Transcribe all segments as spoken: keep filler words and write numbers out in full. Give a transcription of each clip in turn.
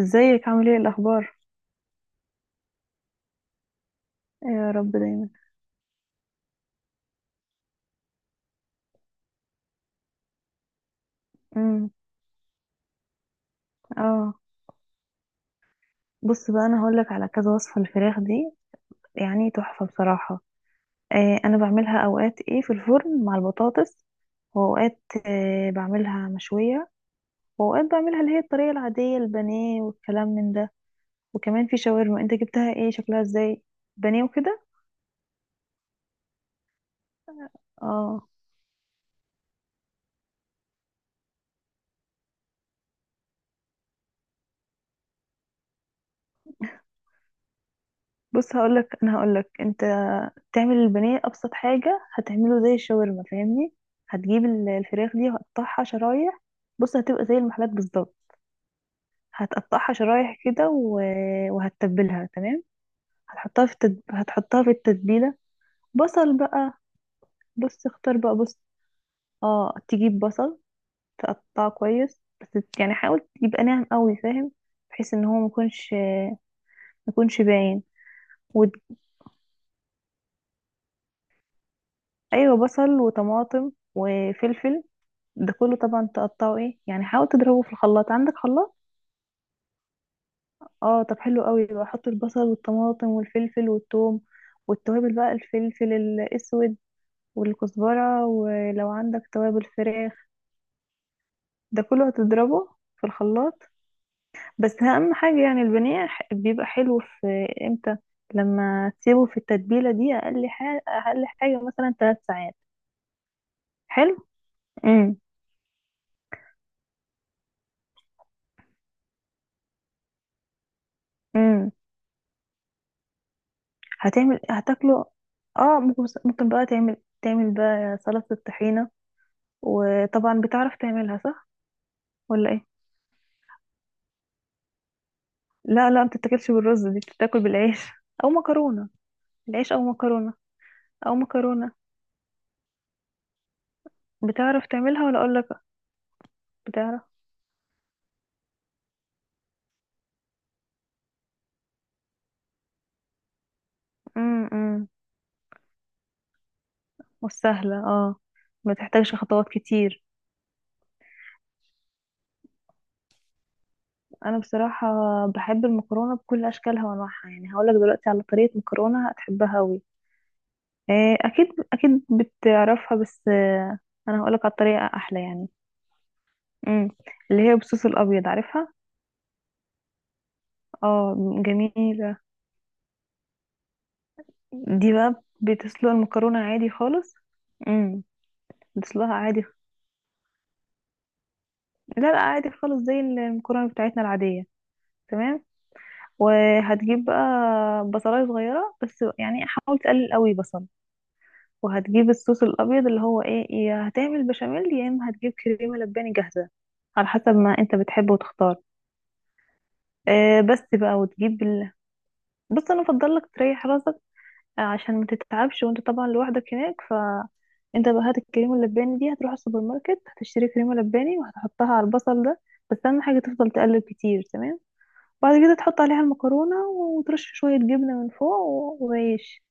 ازيك، عامل ايه الاخبار؟ يا رب دايما. امم اه، بص بقى انا هقولك على كذا وصفه الفراخ دي. يعني تحفه بصراحه. آه انا بعملها اوقات ايه في الفرن مع البطاطس. واوقات آه بعملها مشويه. واوقات بعملها اللي هي الطريقه العاديه، البانيه والكلام من ده. وكمان في شاورما. انت جبتها ايه؟ شكلها ازاي؟ بانيه وكده. اه، بص، هقولك انا هقولك انت تعمل البانيه، ابسط حاجه هتعمله زي الشاورما، فاهمني؟ هتجيب ال- الفراخ دي وهتقطعها شرايح. بص هتبقى زي المحلات بالظبط. هتقطعها شرايح كده و... وهتتبلها، تمام. هتحطها في التد... هتحطها في التتبيله. بصل بقى. بص، اختار بقى، بص. اه، تجيب بصل. تقطعه كويس، بس يعني حاول يبقى ناعم قوي، فاهم؟ بحيث ان هو ميكونش ميكونش باين. وت... ايوه، بصل وطماطم وفلفل. ده كله طبعا تقطعه ايه، يعني حاول تضربه في الخلاط. عندك خلاط؟ اه، طب حلو قوي بقى. حط البصل والطماطم والفلفل والثوم والتوابل بقى، الفلفل الاسود والكزبره، ولو عندك توابل فراخ. ده كله هتضربه في الخلاط. بس اهم حاجه يعني البانيه ح- بيبقى حلو في امتى؟ لما تسيبه في التتبيله دي اقل حاجه، اقل حاجه مثلا ثلاث ساعات. حلو. امم هتعمل، هتاكله. اه، ممكن ممكن بقى تعمل تعمل بقى سلطة الطحينة. وطبعا بتعرف تعملها صح؟ ولا ايه؟ لا، لا، ما بتتاكلش بالرز دي، بتتاكل بالعيش او مكرونة. العيش او مكرونة، او مكرونة. بتعرف تعملها ولا اقول لك؟ بتعرف. امم وسهلة، اه، ما تحتاجش خطوات كتير. انا بصراحة بحب المكرونة بكل اشكالها وانواعها، يعني هقول لك دلوقتي على طريقة مكرونة هتحبها قوي. آه، اكيد اكيد بتعرفها، بس آه، انا هقولك على الطريقه احلى يعني. امم اللي هي بالصوص الابيض، عارفها؟ اه، جميله. دي بقى بتسلق المكرونه عادي خالص. امم بتسلقها عادي. لا، لا، عادي خالص، زي المكرونه بتاعتنا العاديه. تمام. وهتجيب بقى بصلايه صغيره، بس يعني حاول تقلل قوي بصل. وهتجيب الصوص الابيض، اللي هو ايه، يا هتعمل بشاميل يا اما هتجيب كريمه لباني جاهزه، على حسب ما انت بتحبه وتختار. آه بس بقى وتجيب ال... بص، انا افضل لك تريح راسك، عشان ما تتعبش، وانت طبعا لوحدك هناك. فانت بقى هات الكريمه اللباني دي، هتروح السوبر ماركت، هتشتري كريمه لباني وهتحطها على البصل ده. بس اهم حاجه تفضل تقلب كتير، تمام. بعد كده تحط عليها المكرونه، وترش شويه جبنه من فوق و- وعيش.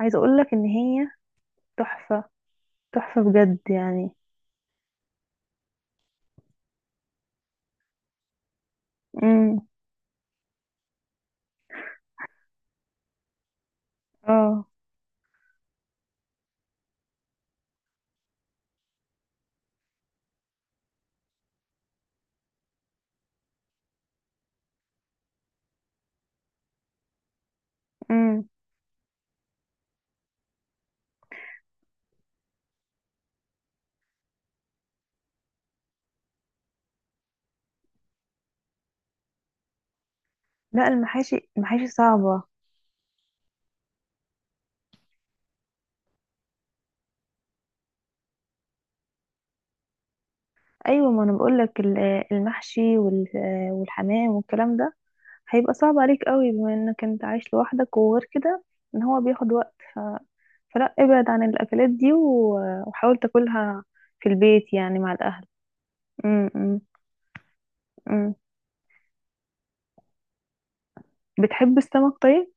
عايزه اقول لك ان هي تحفه، تحفه بجد يعني. امم اه، امم لا، المحاشي المحاشي صعبه. ايوه، ما انا بقول لك، المحشي وال- آه، والحمام والكلام ده هيبقى صعب عليك قوي، بما انك انت عايش لوحدك وغير كده. ان هو بياخد وقت ف... فلا ابعد عن الاكلات دي و... وحاول تاكلها في البيت يعني مع الاهل. م -م -م. بتحب السمك؟ طيب.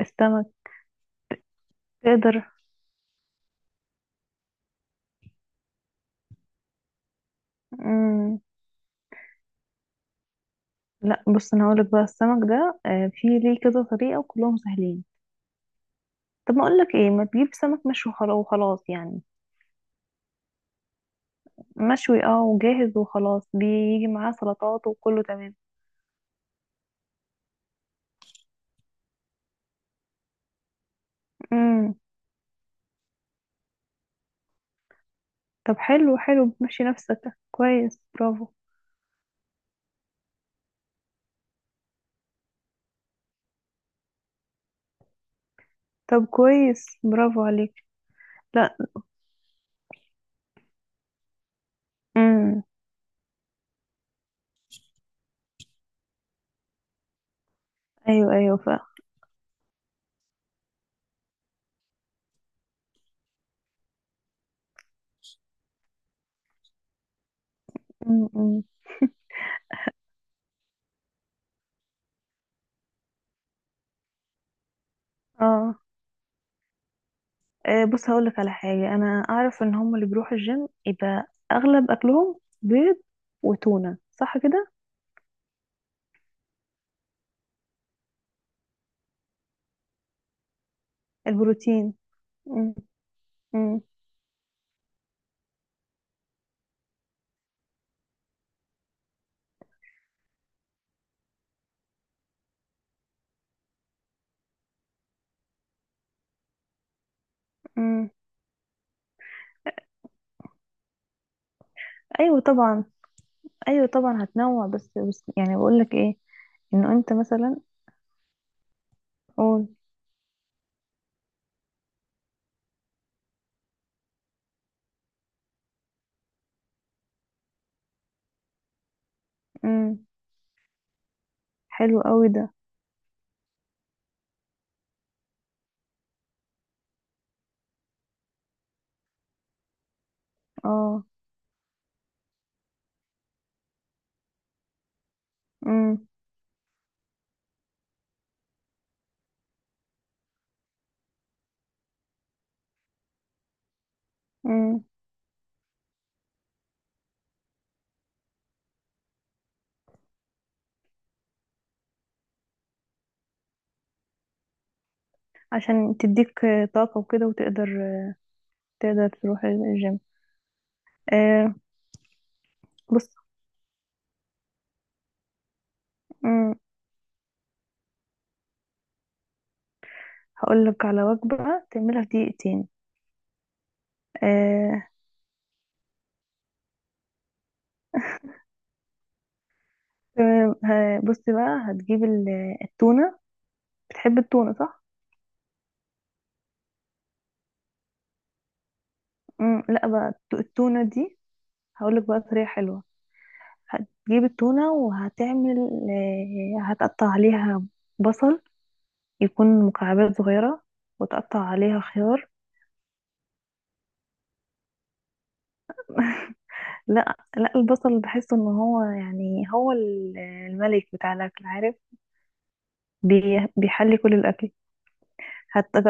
السمك تقدر. م لا، بص انا هقولك بقى السمك ده، آه، في ليه كذا طريقة وكلهم سهلين. طب، ما اقولك ايه، ما تجيب سمك مشوي وخلا- وخلاص يعني. مشوي، اه، وجاهز وخلاص. بيجي معاه سلطات وكله تمام. م. طب، حلو حلو، بتمشي نفسك كويس، برافو. طب كويس، برافو عليك. لا. امم ايوه، ايوه. ف امم أمم. اه، آه، بص هقول لك على حاجه. انا اعرف ان هم اللي بيروحوا الجيم يبقى اغلب اكلهم بيض وتونه، صح كده؟ البروتين. امم امم امم ايوه طبعا، ايوه طبعا هتنوع، بس بس يعني بقول لك ايه، انه انت مثلا، قول. امم حلو قوي ده. اه، امم امم عشان تديك آه، طاقه وكده، وتقدر تقدر تروح الجيم. آه، بص. امم هقول لك على وجبة تعملها في دقيقتين. آه تمام. ه- بصي بقى، هتجيب ال- التونة. بتحب التونة صح؟ امم لا، بقى الت- التونة دي هقول لك بقى طريقة حلوة. هتجيب التونة، وهتعمل آه هتقطع عليها بصل، يكون مكعبات صغيرة، وتقطع عليها خيار. لا، لا، البصل بحس ان هو يعني هو ال- الملك بتاع الاكل، عارف؟ بي- بيحلي كل الاكل حتى.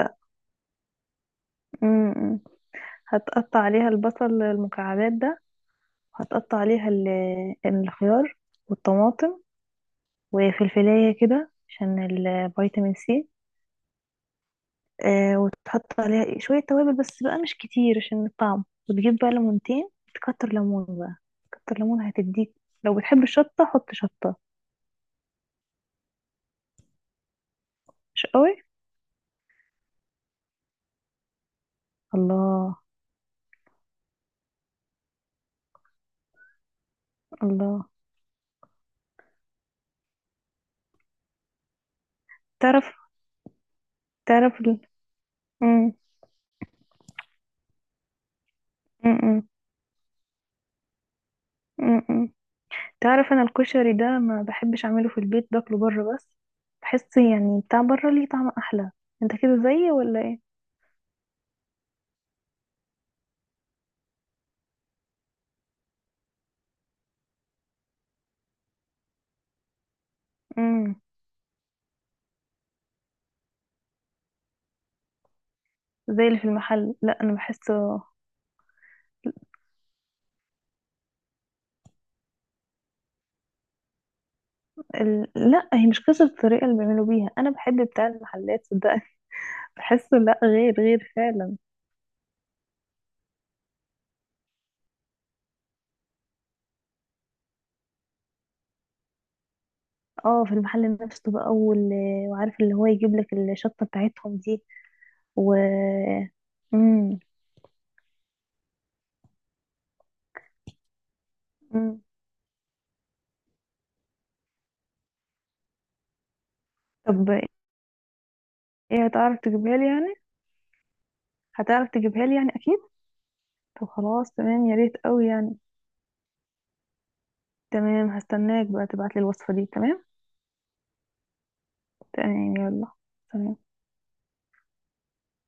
بقى هتقطع عليها البصل المكعبات ده، وهتقطع عليها ال- الخيار والطماطم وفلفلاية كده عشان الفيتامين سي. آه وتحط عليها شوية توابل بس بقى مش كتير عشان الطعم، وتجيب بقى ليمونتين، تكتر ليمون بقى. كتر ليمون هتديك. لو بتحب الشطة حط شطة. مش قوي. الله، الله. تعرف، تعرف ال... م- م- م- م- م. تعرف انا الكشري ده ما بحبش اعمله في البيت، باكله بره بس. بحس يعني بتاع بره ليه طعم احلى. انت كده زيي ولا ايه؟ امم زي اللي في المحل؟ لا، انا بحسه ال... لا، هي مش قصة الطريقة اللي بيعملوا بيها، انا بحب بتاع المحلات صدقني. بحسه، لا، غير غير فعلا. اه، في المحل نفسه بقى وال... وعارف اللي هو يجيب لك الشطة بتاعتهم دي. و امم امم طب، ايه، هتعرف تجيبها لي يعني؟ هتعرف تجيبها لي يعني، اكيد. طب خلاص تمام، يا ريت قوي يعني. تمام، هستناك بقى تبعتلي الوصفة دي، تمام. تمام، يلا، سلام.